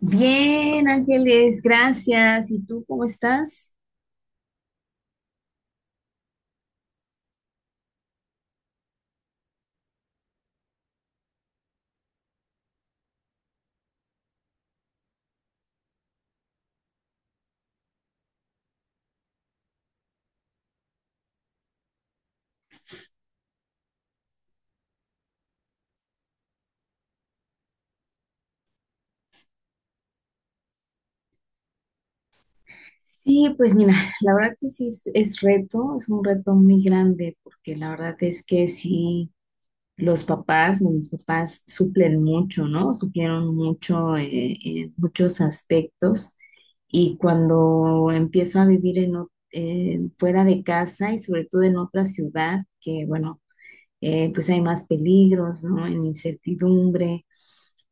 Bien, Ángeles, gracias. ¿Y tú cómo estás? Sí, pues mira, la verdad que sí es reto, es un reto muy grande, porque la verdad es que sí, mis papás suplen mucho, ¿no? Suplieron mucho en muchos aspectos y cuando empiezo a vivir fuera de casa y sobre todo en otra ciudad, que bueno, pues hay más peligros, ¿no? En incertidumbre.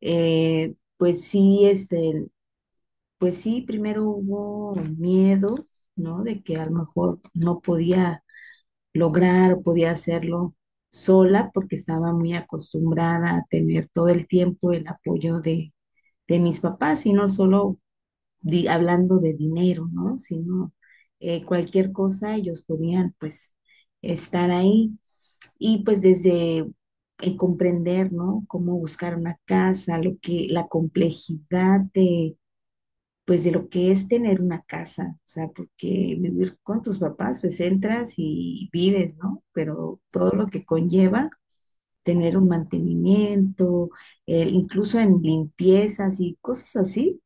Pues sí, pues sí, primero hubo miedo, ¿no? De que a lo mejor no podía lograr o podía hacerlo sola porque estaba muy acostumbrada a tener todo el tiempo el apoyo de mis papás y no solo hablando de dinero, ¿no? Sino cualquier cosa ellos podían pues estar ahí. Y pues desde el comprender, ¿no? Cómo buscar una casa, la complejidad de, pues de lo que es tener una casa, o sea, porque vivir con tus papás, pues entras y vives, ¿no? Pero todo lo que conlleva tener un mantenimiento, incluso en limpiezas y cosas así,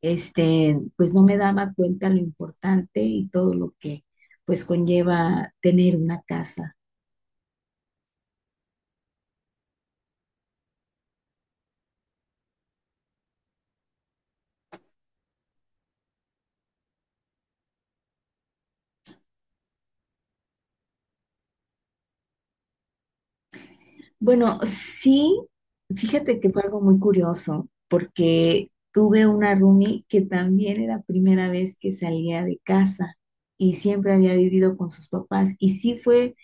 pues no me daba cuenta lo importante y todo lo que pues conlleva tener una casa. Bueno, sí, fíjate que fue algo muy curioso, porque tuve una roomie que también era primera vez que salía de casa y siempre había vivido con sus papás y sí fue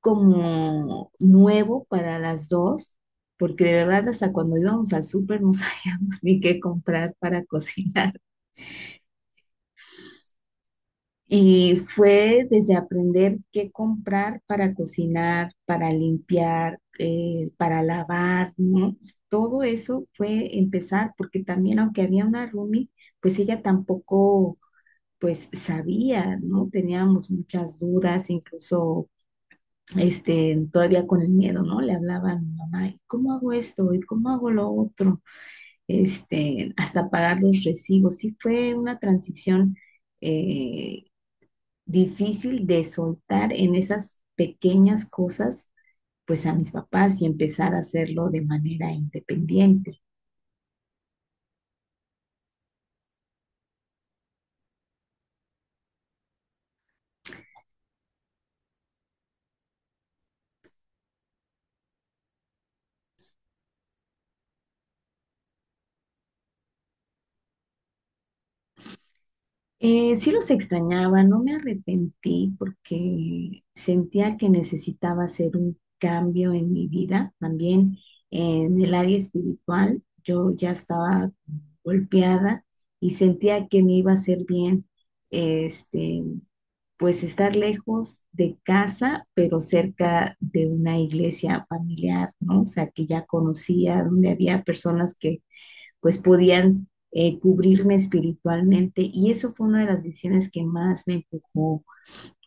como nuevo para las dos, porque de verdad hasta cuando íbamos al súper no sabíamos ni qué comprar para cocinar. Y fue desde aprender qué comprar para cocinar, para limpiar, para lavar, ¿no? Todo eso fue empezar, porque también aunque había una roomie, pues ella tampoco, pues sabía, ¿no? Teníamos muchas dudas, incluso, todavía con el miedo, ¿no? Le hablaba a mi mamá, ¿y cómo hago esto? ¿Y cómo hago lo otro? Este, hasta pagar los recibos. Sí fue una transición eh, difícil de soltar en esas pequeñas cosas, pues a mis papás y empezar a hacerlo de manera independiente. Sí los extrañaba, no me arrepentí porque sentía que necesitaba hacer un cambio en mi vida, también en el área espiritual. Yo ya estaba golpeada y sentía que me iba a hacer bien este, pues estar lejos de casa, pero cerca de una iglesia familiar, ¿no? O sea, que ya conocía, donde había personas que pues podían cubrirme espiritualmente y eso fue una de las decisiones que más me empujó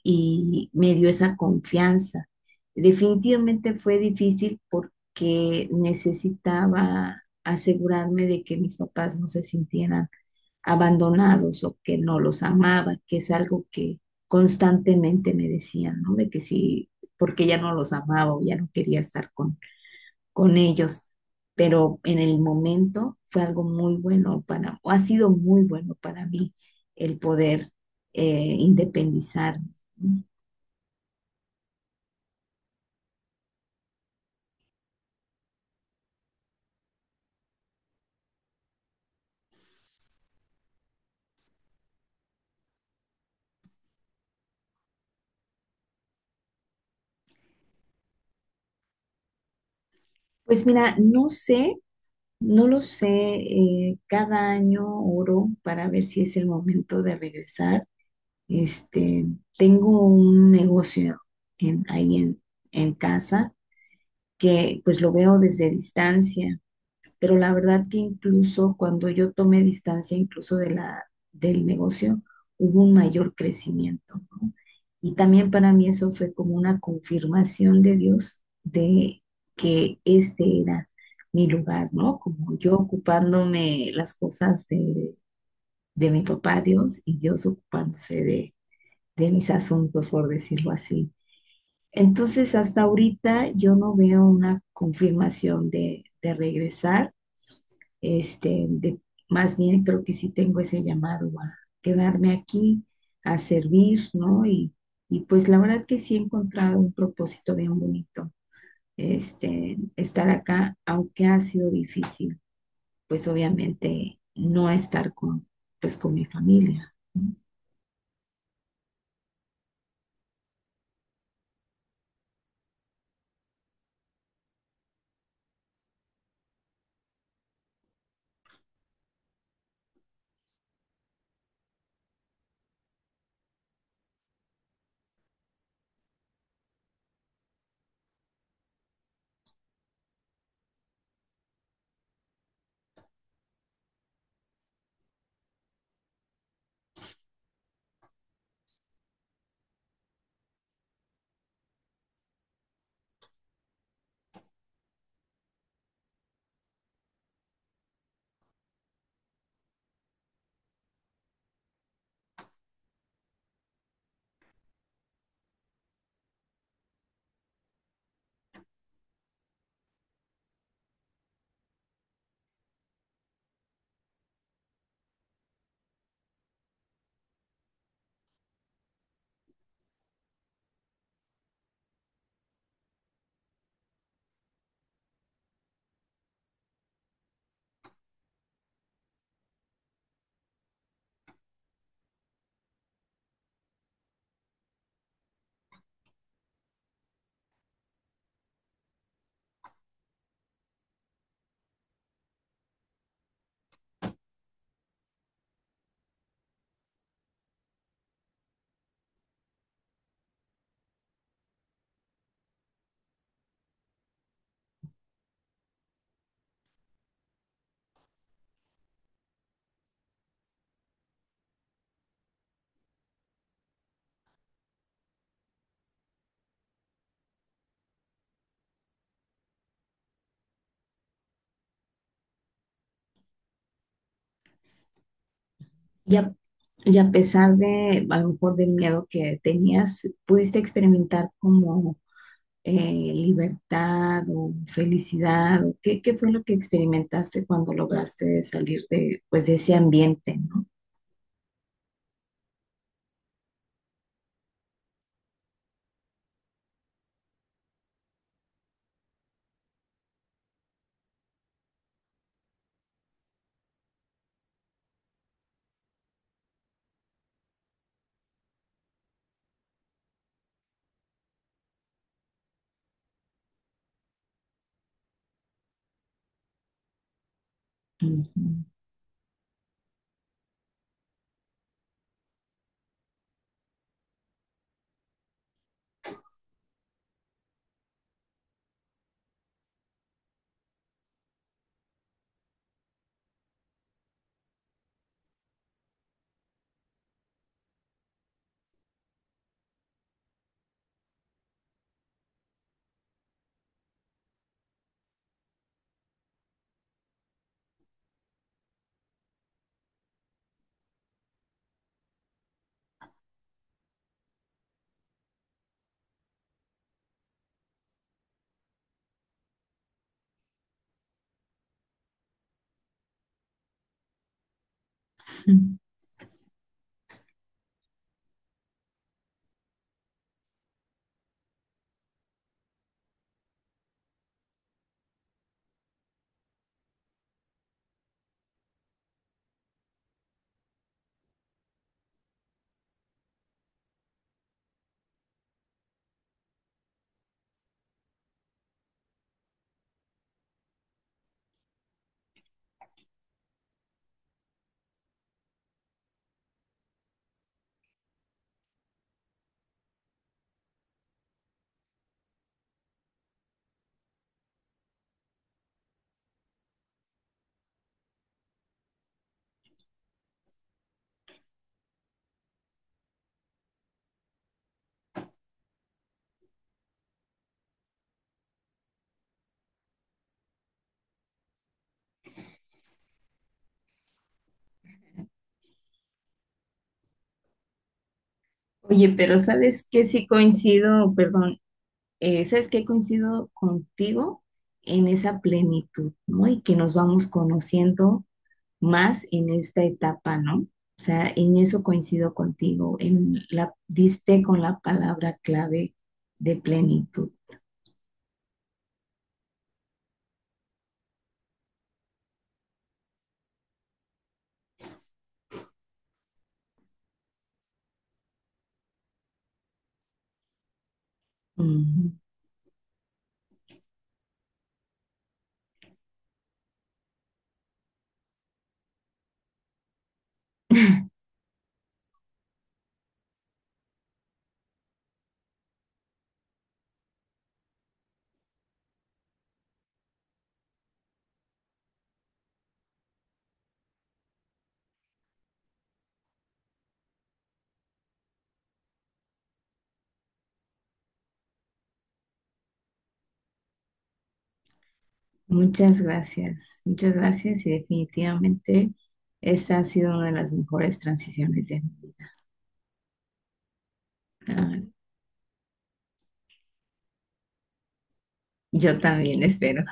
y me dio esa confianza. Definitivamente fue difícil porque necesitaba asegurarme de que mis papás no se sintieran abandonados o que no los amaba, que es algo que constantemente me decían, ¿no? De que sí, porque ya no los amaba o ya no quería con ellos. Pero en el momento fue algo muy bueno para, o ha sido muy bueno para mí el poder eh, independizarme. ¿No? Pues mira, no sé, no lo sé, cada año oro para ver si es el momento de regresar. Este, tengo un negocio en, ahí en, en casa que pues lo veo desde distancia, pero la verdad que incluso cuando yo tomé distancia incluso del negocio, hubo un mayor crecimiento, ¿no? Y también para mí eso fue como una confirmación de Dios de que este era mi lugar, ¿no? Como yo ocupándome las cosas de mi papá Dios y Dios ocupándose de mis asuntos, por decirlo así. Entonces, hasta ahorita yo no veo una confirmación de regresar. Este, de, Más bien creo que sí tengo ese llamado a quedarme aquí, a servir, ¿no? Y pues la verdad que sí he encontrado un propósito bien bonito, estar acá, aunque ha sido difícil, pues obviamente no pues con mi familia. ¿No? Y a, y a pesar de, a lo mejor, del miedo que tenías, ¿pudiste experimentar como eh, libertad o felicidad? ¿O qué, qué fue lo que experimentaste cuando lograste salir de, pues, de ese ambiente, ¿no? Ujú. Oye, pero ¿sabes qué? Sí coincido, perdón, ¿sabes qué? Coincido contigo en esa plenitud, ¿no? Y que nos vamos conociendo más en esta etapa, ¿no? O sea, en eso coincido contigo, en la, diste con la palabra clave de plenitud. Ujú. Muchas gracias y definitivamente esta ha sido una de las mejores transiciones de mi vida. Ah, yo también espero.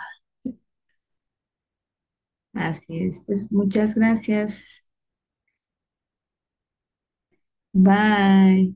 Así es, pues muchas gracias. Bye.